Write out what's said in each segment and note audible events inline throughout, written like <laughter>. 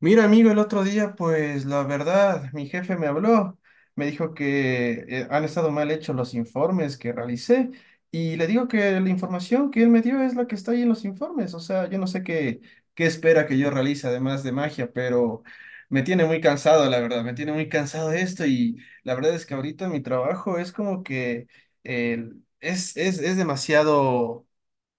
Mira, amigo, el otro día, pues la verdad, mi jefe me habló, me dijo que han estado mal hechos los informes que realicé y le digo que la información que él me dio es la que está ahí en los informes, o sea, yo no sé qué espera que yo realice además de magia, pero me tiene muy cansado, la verdad, me tiene muy cansado esto. Y la verdad es que ahorita mi trabajo es como que eh, es demasiado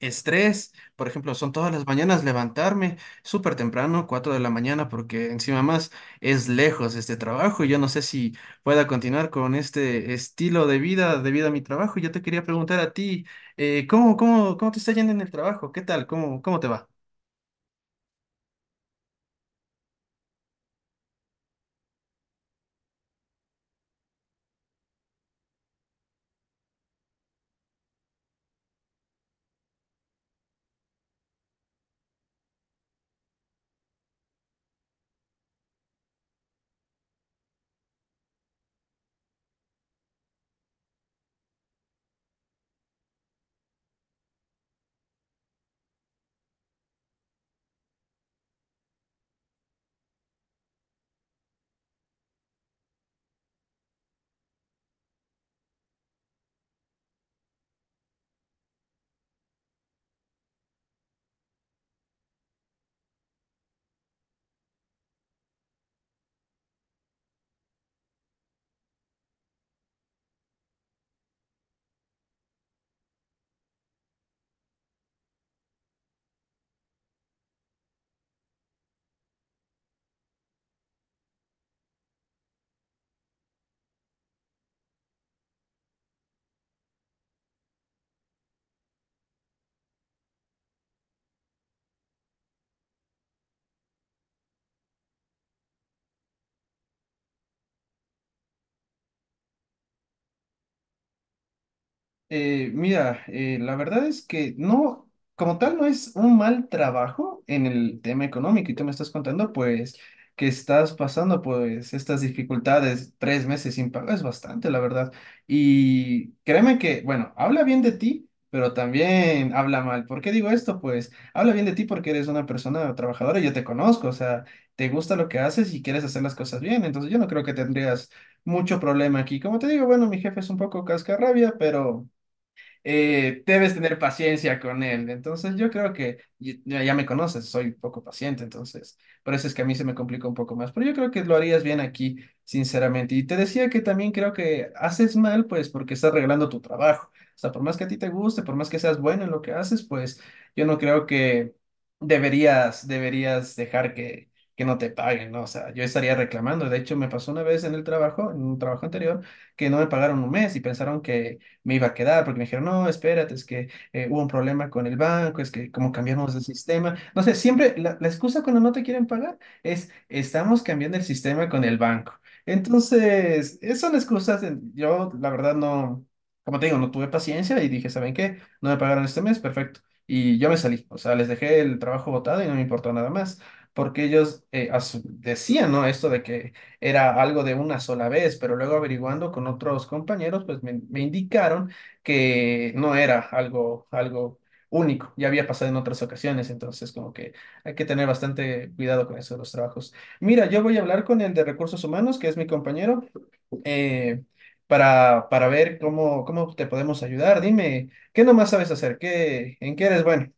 estrés. Por ejemplo, son todas las mañanas levantarme súper temprano, 4 de la mañana, porque encima más es lejos este trabajo y yo no sé si pueda continuar con este estilo de vida debido a mi trabajo. Yo te quería preguntar a ti, ¿cómo te está yendo en el trabajo? ¿Qué tal? ¿Cómo te va? Mira, la verdad es que no, como tal, no es un mal trabajo en el tema económico y tú me estás contando, pues, que estás pasando, pues, estas dificultades, 3 meses sin pago, es bastante, la verdad. Y créeme que, bueno, habla bien de ti, pero también habla mal. ¿Por qué digo esto? Pues, habla bien de ti porque eres una persona trabajadora y yo te conozco, o sea, te gusta lo que haces y quieres hacer las cosas bien, entonces yo no creo que tendrías mucho problema aquí. Como te digo, bueno, mi jefe es un poco cascarrabia, pero debes tener paciencia con él. Entonces yo creo que ya, ya me conoces, soy poco paciente, entonces por eso es que a mí se me complica un poco más. Pero yo creo que lo harías bien aquí, sinceramente. Y te decía que también creo que haces mal, pues porque estás regalando tu trabajo. O sea, por más que a ti te guste, por más que seas bueno en lo que haces, pues yo no creo que deberías dejar que no te paguen, ¿no? O sea, yo estaría reclamando. De hecho, me pasó una vez en el trabajo, en un trabajo anterior, que no me pagaron un mes y pensaron que me iba a quedar, porque me dijeron, no, espérate, es que hubo un problema con el banco, es que como cambiamos de sistema, no sé, siempre la excusa cuando no te quieren pagar es, estamos cambiando el sistema con el banco. Entonces, son excusas. Yo la verdad no, como te digo, no tuve paciencia y dije, ¿saben qué? No me pagaron este mes, perfecto. Y yo me salí, o sea, les dejé el trabajo botado y no me importó nada más, porque ellos asu- decían, ¿no? Esto de que era algo de una sola vez, pero luego averiguando con otros compañeros, pues me indicaron que no era algo, algo único, ya había pasado en otras ocasiones. Entonces como que hay que tener bastante cuidado con eso de los trabajos. Mira, yo voy a hablar con el de recursos humanos, que es mi compañero, eh, para ver cómo te podemos ayudar. Dime, ¿qué nomás sabes hacer? ¿Qué, en qué eres bueno?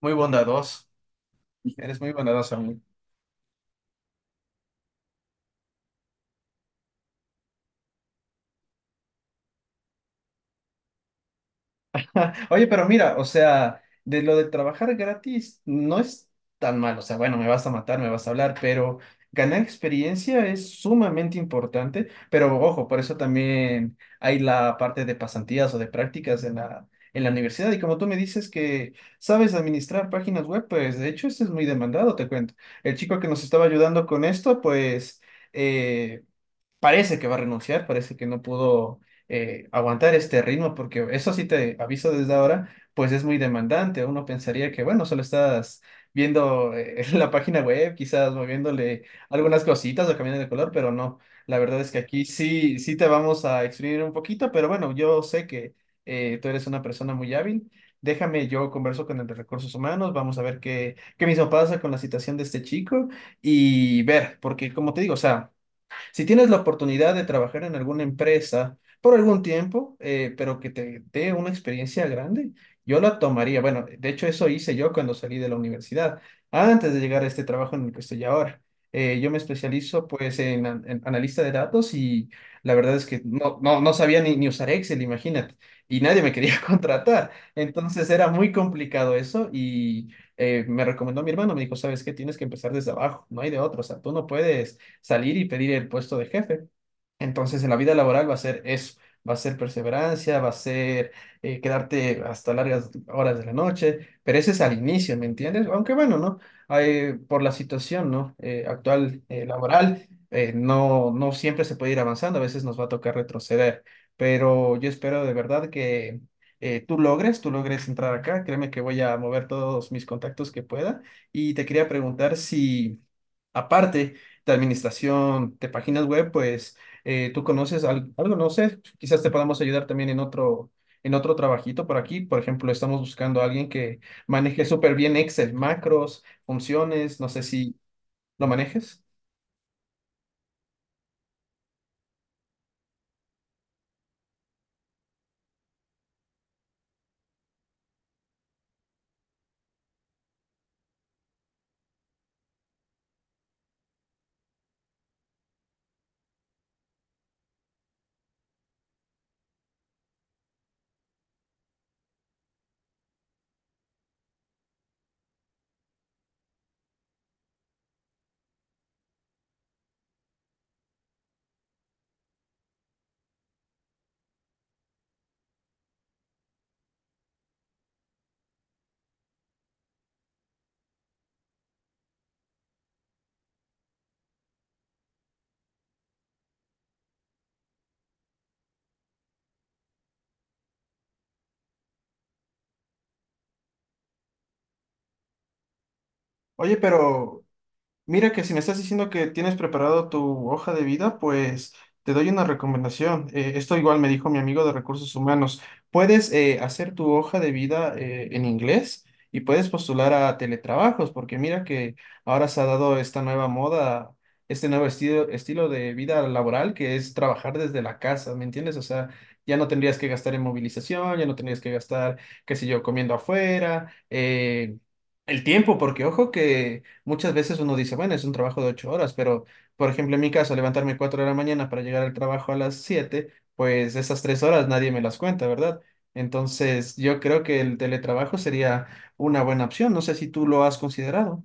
Muy bondadoso, eres muy bondadoso, amigo. Oye, pero mira, o sea, de lo de trabajar gratis no es tan mal, o sea, bueno, me vas a matar, me vas a hablar, pero ganar experiencia es sumamente importante, pero ojo, por eso también hay la parte de pasantías o de prácticas en en la universidad. Y como tú me dices que sabes administrar páginas web, pues de hecho esto es muy demandado, te cuento. El chico que nos estaba ayudando con esto, pues eh, parece que va a renunciar, parece que no pudo aguantar este ritmo, porque eso sí te aviso desde ahora, pues es muy demandante. Uno pensaría que, bueno, solo estás viendo <laughs> la página web, quizás moviéndole algunas cositas o cambiando de color, pero no. La verdad es que aquí sí, sí te vamos a exprimir un poquito, pero bueno, yo sé que tú eres una persona muy hábil. Déjame, yo converso con el de recursos humanos, vamos a ver qué mismo pasa con la situación de este chico y ver, porque como te digo, o sea, si tienes la oportunidad de trabajar en alguna empresa por algún tiempo, pero que te dé una experiencia grande, yo la tomaría. Bueno, de hecho eso hice yo cuando salí de la universidad, antes de llegar a este trabajo en el que estoy ahora. Yo me especializo pues en, an- en analista de datos y la verdad es que no sabía ni usar Excel, imagínate, y nadie me quería <laughs> contratar. Entonces era muy complicado eso y me recomendó mi hermano, me dijo, ¿sabes qué? Tienes que empezar desde abajo, no hay de otro, o sea, tú no puedes salir y pedir el puesto de jefe. Entonces, en la vida laboral va a ser eso, va a ser perseverancia, va a ser quedarte hasta largas horas de la noche, pero ese es al inicio, ¿me entiendes? Aunque bueno, ¿no? Hay, por la situación, ¿no? Actual laboral, no, no siempre se puede ir avanzando, a veces nos va a tocar retroceder, pero yo espero de verdad que tú logres entrar acá, créeme que voy a mover todos mis contactos que pueda. Y te quería preguntar si, aparte de administración de páginas web, pues tú conoces al- algo, no sé, quizás te podamos ayudar también en otro trabajito por aquí. Por ejemplo, estamos buscando a alguien que maneje súper bien Excel, macros, funciones, no sé si lo manejes. Oye, pero mira que si me estás diciendo que tienes preparado tu hoja de vida, pues te doy una recomendación. Esto igual me dijo mi amigo de recursos humanos. Puedes hacer tu hoja de vida en inglés y puedes postular a teletrabajos, porque mira que ahora se ha dado esta nueva moda, este nuevo estilo de vida laboral que es trabajar desde la casa, ¿me entiendes? O sea, ya no tendrías que gastar en movilización, ya no tendrías que gastar, qué sé yo, comiendo afuera, el tiempo, porque ojo que muchas veces uno dice, bueno, es un trabajo de 8 horas, pero por ejemplo, en mi caso, levantarme 4 de la mañana para llegar al trabajo a las 7, pues esas 3 horas nadie me las cuenta, ¿verdad? Entonces, yo creo que el teletrabajo sería una buena opción. No sé si tú lo has considerado.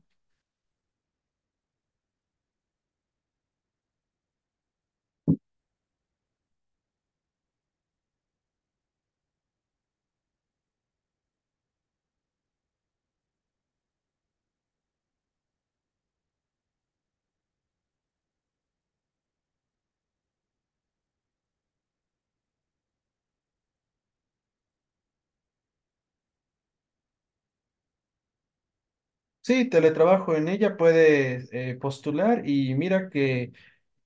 Sí, teletrabajo en ella puedes postular. Y mira que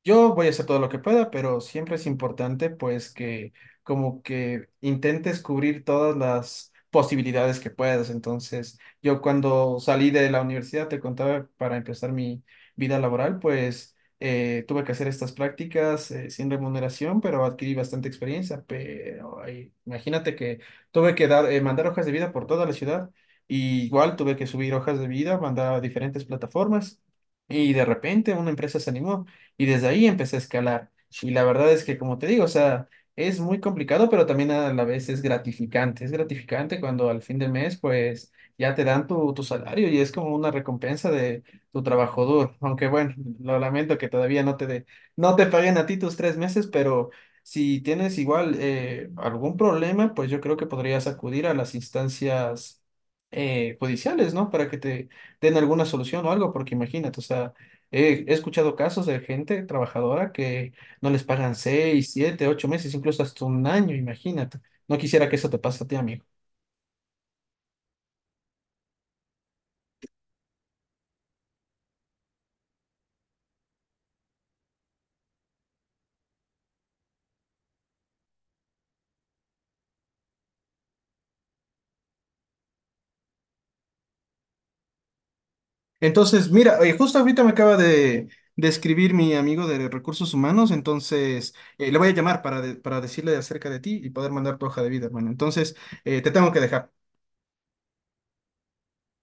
yo voy a hacer todo lo que pueda, pero siempre es importante pues que como que intentes cubrir todas las posibilidades que puedas. Entonces, yo cuando salí de la universidad, te contaba, para empezar mi vida laboral, pues tuve que hacer estas prácticas sin remuneración, pero adquirí bastante experiencia. Pero ahí, imagínate que tuve que dar, mandar hojas de vida por toda la ciudad. Y igual tuve que subir hojas de vida, mandar a diferentes plataformas. Y de repente una empresa se animó. Y desde ahí empecé a escalar. Y la verdad es que, como te digo, o sea, es muy complicado, pero también a la vez es gratificante. Es gratificante cuando al fin de mes, pues, ya te dan tu, tu salario y es como una recompensa de tu trabajo duro. Aunque bueno, lo lamento que todavía no te de no te paguen a ti tus 3 meses, pero si tienes igual algún problema, pues yo creo que podrías acudir a las instancias judiciales, ¿no? Para que te den alguna solución o algo, porque imagínate, o sea, he escuchado casos de gente trabajadora que no les pagan 6, 7, 8 meses, incluso hasta un año, imagínate. No quisiera que eso te pase a ti, amigo. Entonces, mira, justo ahorita me acaba de escribir mi amigo de recursos humanos, entonces le voy a llamar para, de- para decirle acerca de ti y poder mandar tu hoja de vida, hermano. Entonces, te tengo que dejar.